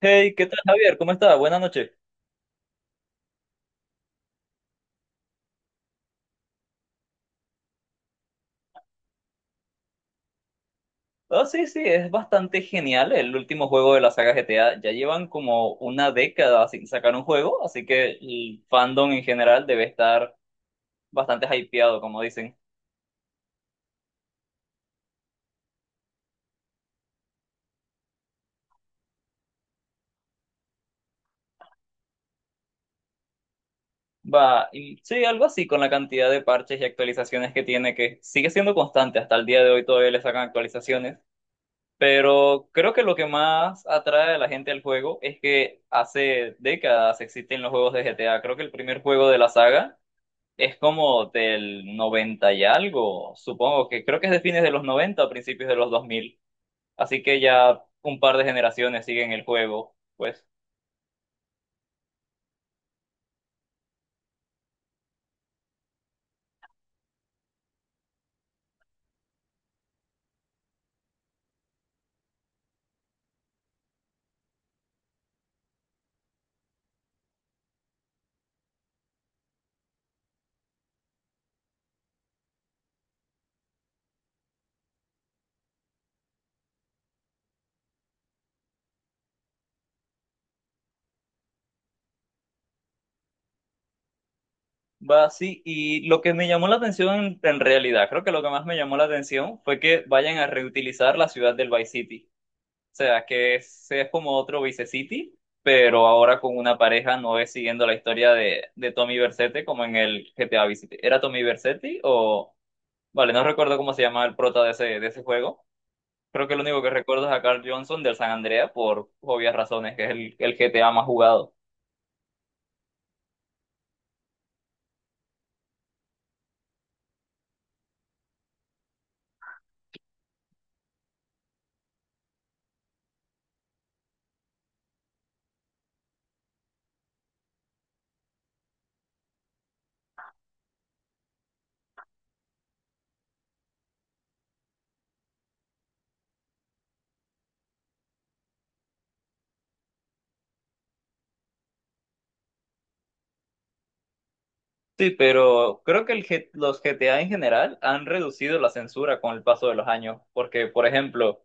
Hey, ¿qué tal, Javier? ¿Cómo estás? Buenas noches. Oh, sí, sí, es bastante genial el último juego de la saga GTA. Ya llevan como una década sin sacar un juego, así que el fandom en general debe estar bastante hypeado, como dicen. Va, y sí, algo así con la cantidad de parches y actualizaciones que tiene, que sigue siendo constante. Hasta el día de hoy todavía le sacan actualizaciones. Pero creo que lo que más atrae a la gente al juego es que hace décadas existen los juegos de GTA. Creo que el primer juego de la saga es como del 90 y algo. Supongo que creo que es de fines de los 90 a principios de los dos mil, así que ya un par de generaciones siguen el juego, pues. Va así, y lo que me llamó la atención en realidad, creo que lo que más me llamó la atención fue que vayan a reutilizar la ciudad del Vice City. O sea, que es como otro Vice City, pero ahora con una pareja, no es siguiendo la historia de Tommy Vercetti como en el GTA Vice City. ¿Era Tommy Vercetti o...? Vale, no recuerdo cómo se llama el prota de ese juego. Creo que lo único que recuerdo es a Carl Johnson del San Andrea por obvias razones, que es el GTA más jugado. Sí, pero creo que los GTA en general han reducido la censura con el paso de los años, porque, por ejemplo,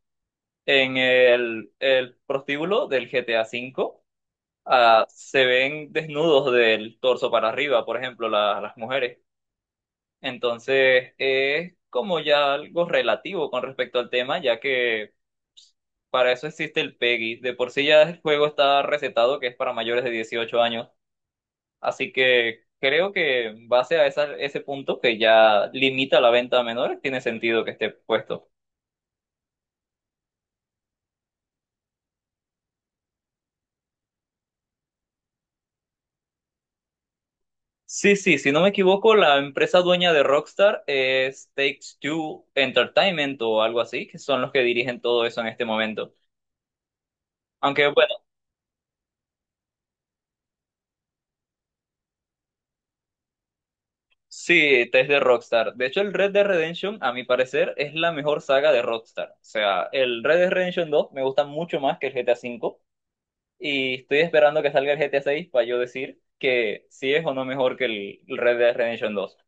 en el prostíbulo del GTA V, se ven desnudos del torso para arriba, por ejemplo, las mujeres. Entonces, es como ya algo relativo con respecto al tema, ya que para eso existe el PEGI. De por sí ya el juego está recetado que es para mayores de 18 años. Así que creo que en base a ese punto que ya limita la venta a menores, tiene sentido que esté puesto. Sí, sí, si no me equivoco, la empresa dueña de Rockstar es Take-Two Entertainment o algo así, que son los que dirigen todo eso en este momento. Aunque bueno, sí, es de Rockstar. De hecho, el Red Dead Redemption, a mi parecer, es la mejor saga de Rockstar. O sea, el Red Dead Redemption 2 me gusta mucho más que el GTA V. Y estoy esperando que salga el GTA 6 para yo decir que si es o no mejor que el Red Dead Redemption 2.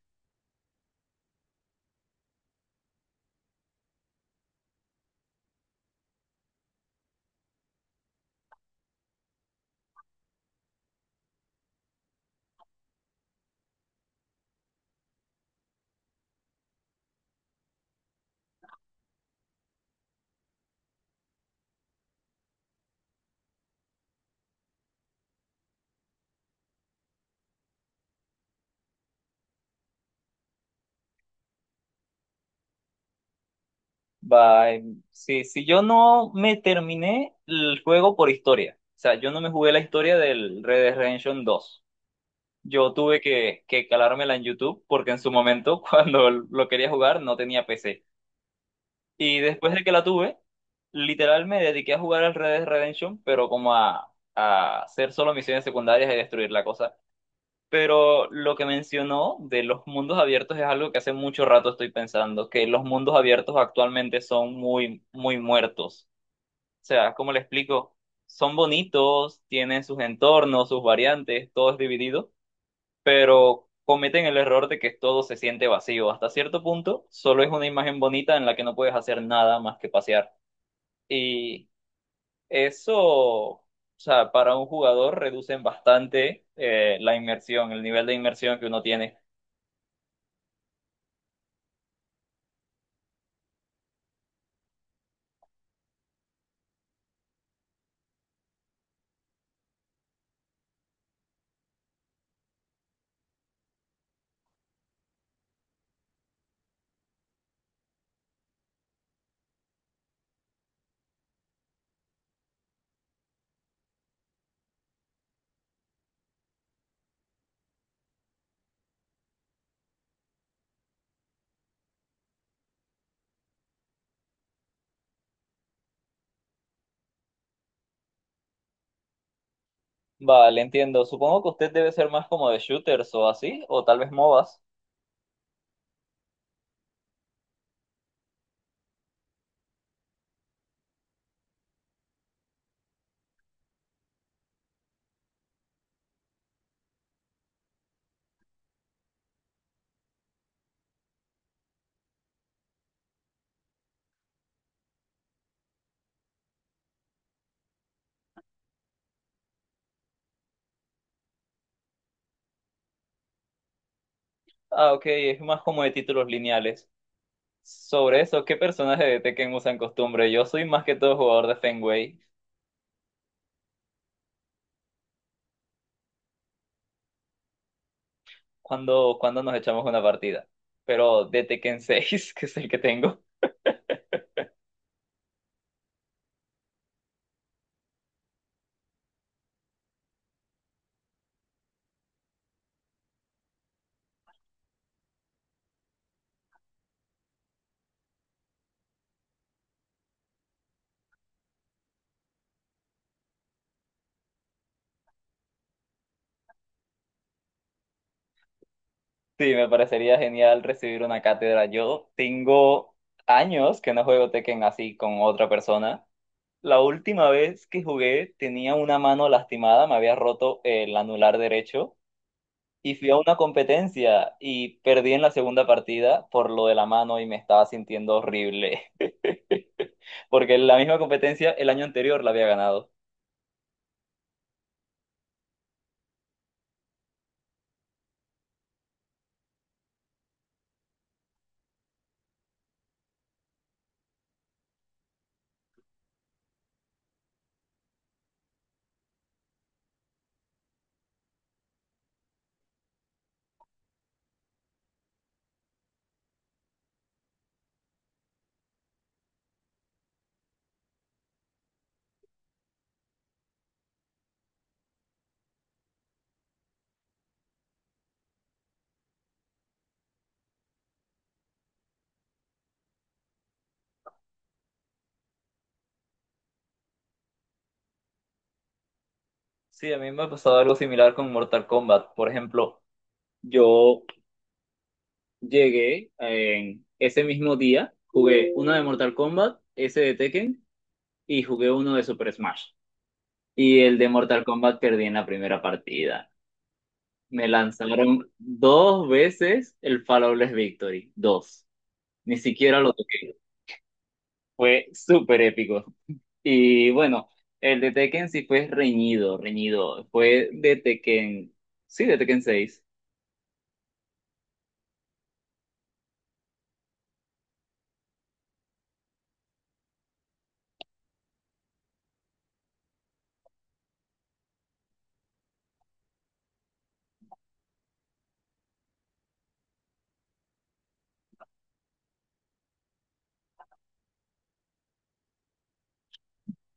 Bye. Sí, si yo no me terminé el juego por historia, o sea, yo no me jugué la historia del Red Dead Redemption 2. Yo tuve que calármela en YouTube porque en su momento, cuando lo quería jugar, no tenía PC. Y después de que la tuve, literal me dediqué a jugar al Red Dead Redemption, pero como a hacer solo misiones secundarias y destruir la cosa. Pero lo que mencionó de los mundos abiertos es algo que hace mucho rato estoy pensando, que los mundos abiertos actualmente son muy, muy muertos. O sea, ¿cómo le explico? Son bonitos, tienen sus entornos, sus variantes, todo es dividido, pero cometen el error de que todo se siente vacío. Hasta cierto punto, solo es una imagen bonita en la que no puedes hacer nada más que pasear. Y eso, o sea, para un jugador reducen bastante la inmersión, el nivel de inmersión que uno tiene. Vale, entiendo. Supongo que usted debe ser más como de shooters o así, o tal vez MOBAs. Ah, ok, es más como de títulos lineales. Sobre eso, ¿qué personaje de Tekken usan costumbre? Yo soy más que todo jugador de Fenway. ¿cuando cuando nos echamos una partida? Pero de Tekken 6, que es el que tengo. Sí, me parecería genial recibir una cátedra. Yo tengo años que no juego Tekken así con otra persona. La última vez que jugué tenía una mano lastimada, me había roto el anular derecho. Y fui a una competencia y perdí en la segunda partida por lo de la mano y me estaba sintiendo horrible, porque la misma competencia el año anterior la había ganado. Sí, a mí me ha pasado algo similar con Mortal Kombat. Por ejemplo, yo llegué en ese mismo día, jugué uno de Mortal Kombat, ese de Tekken, y jugué uno de Super Smash. Y el de Mortal Kombat perdí en la primera partida. Me lanzaron dos veces el Flawless Victory, dos. Ni siquiera lo toqué. Fue súper épico. Y bueno, el de Tekken sí fue reñido, reñido. Fue de Tekken, sí, de Tekken seis.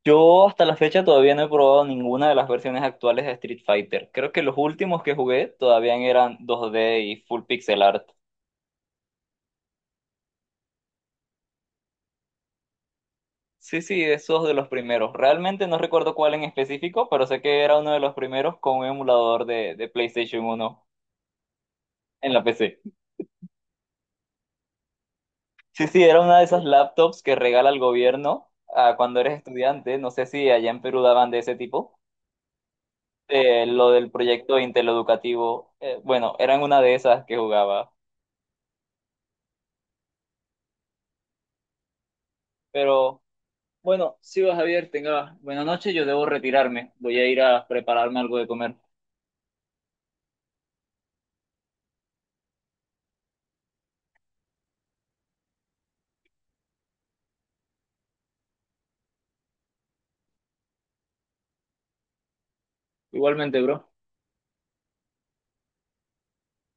Yo hasta la fecha todavía no he probado ninguna de las versiones actuales de Street Fighter. Creo que los últimos que jugué todavía eran 2D y full pixel art. Sí, sí, esos de los primeros. Realmente no recuerdo cuál en específico, pero sé que era uno de los primeros con un emulador de PlayStation uno en la PC. Sí, sí, era una de esas laptops que regala el gobierno, cuando eres estudiante. No sé si allá en Perú daban de ese tipo. Lo del proyecto intereducativo. Bueno, eran una de esas que jugaba. Pero bueno, sigo Javier, tenga buena noche. Yo debo retirarme. Voy a ir a prepararme algo de comer. Igualmente, bro.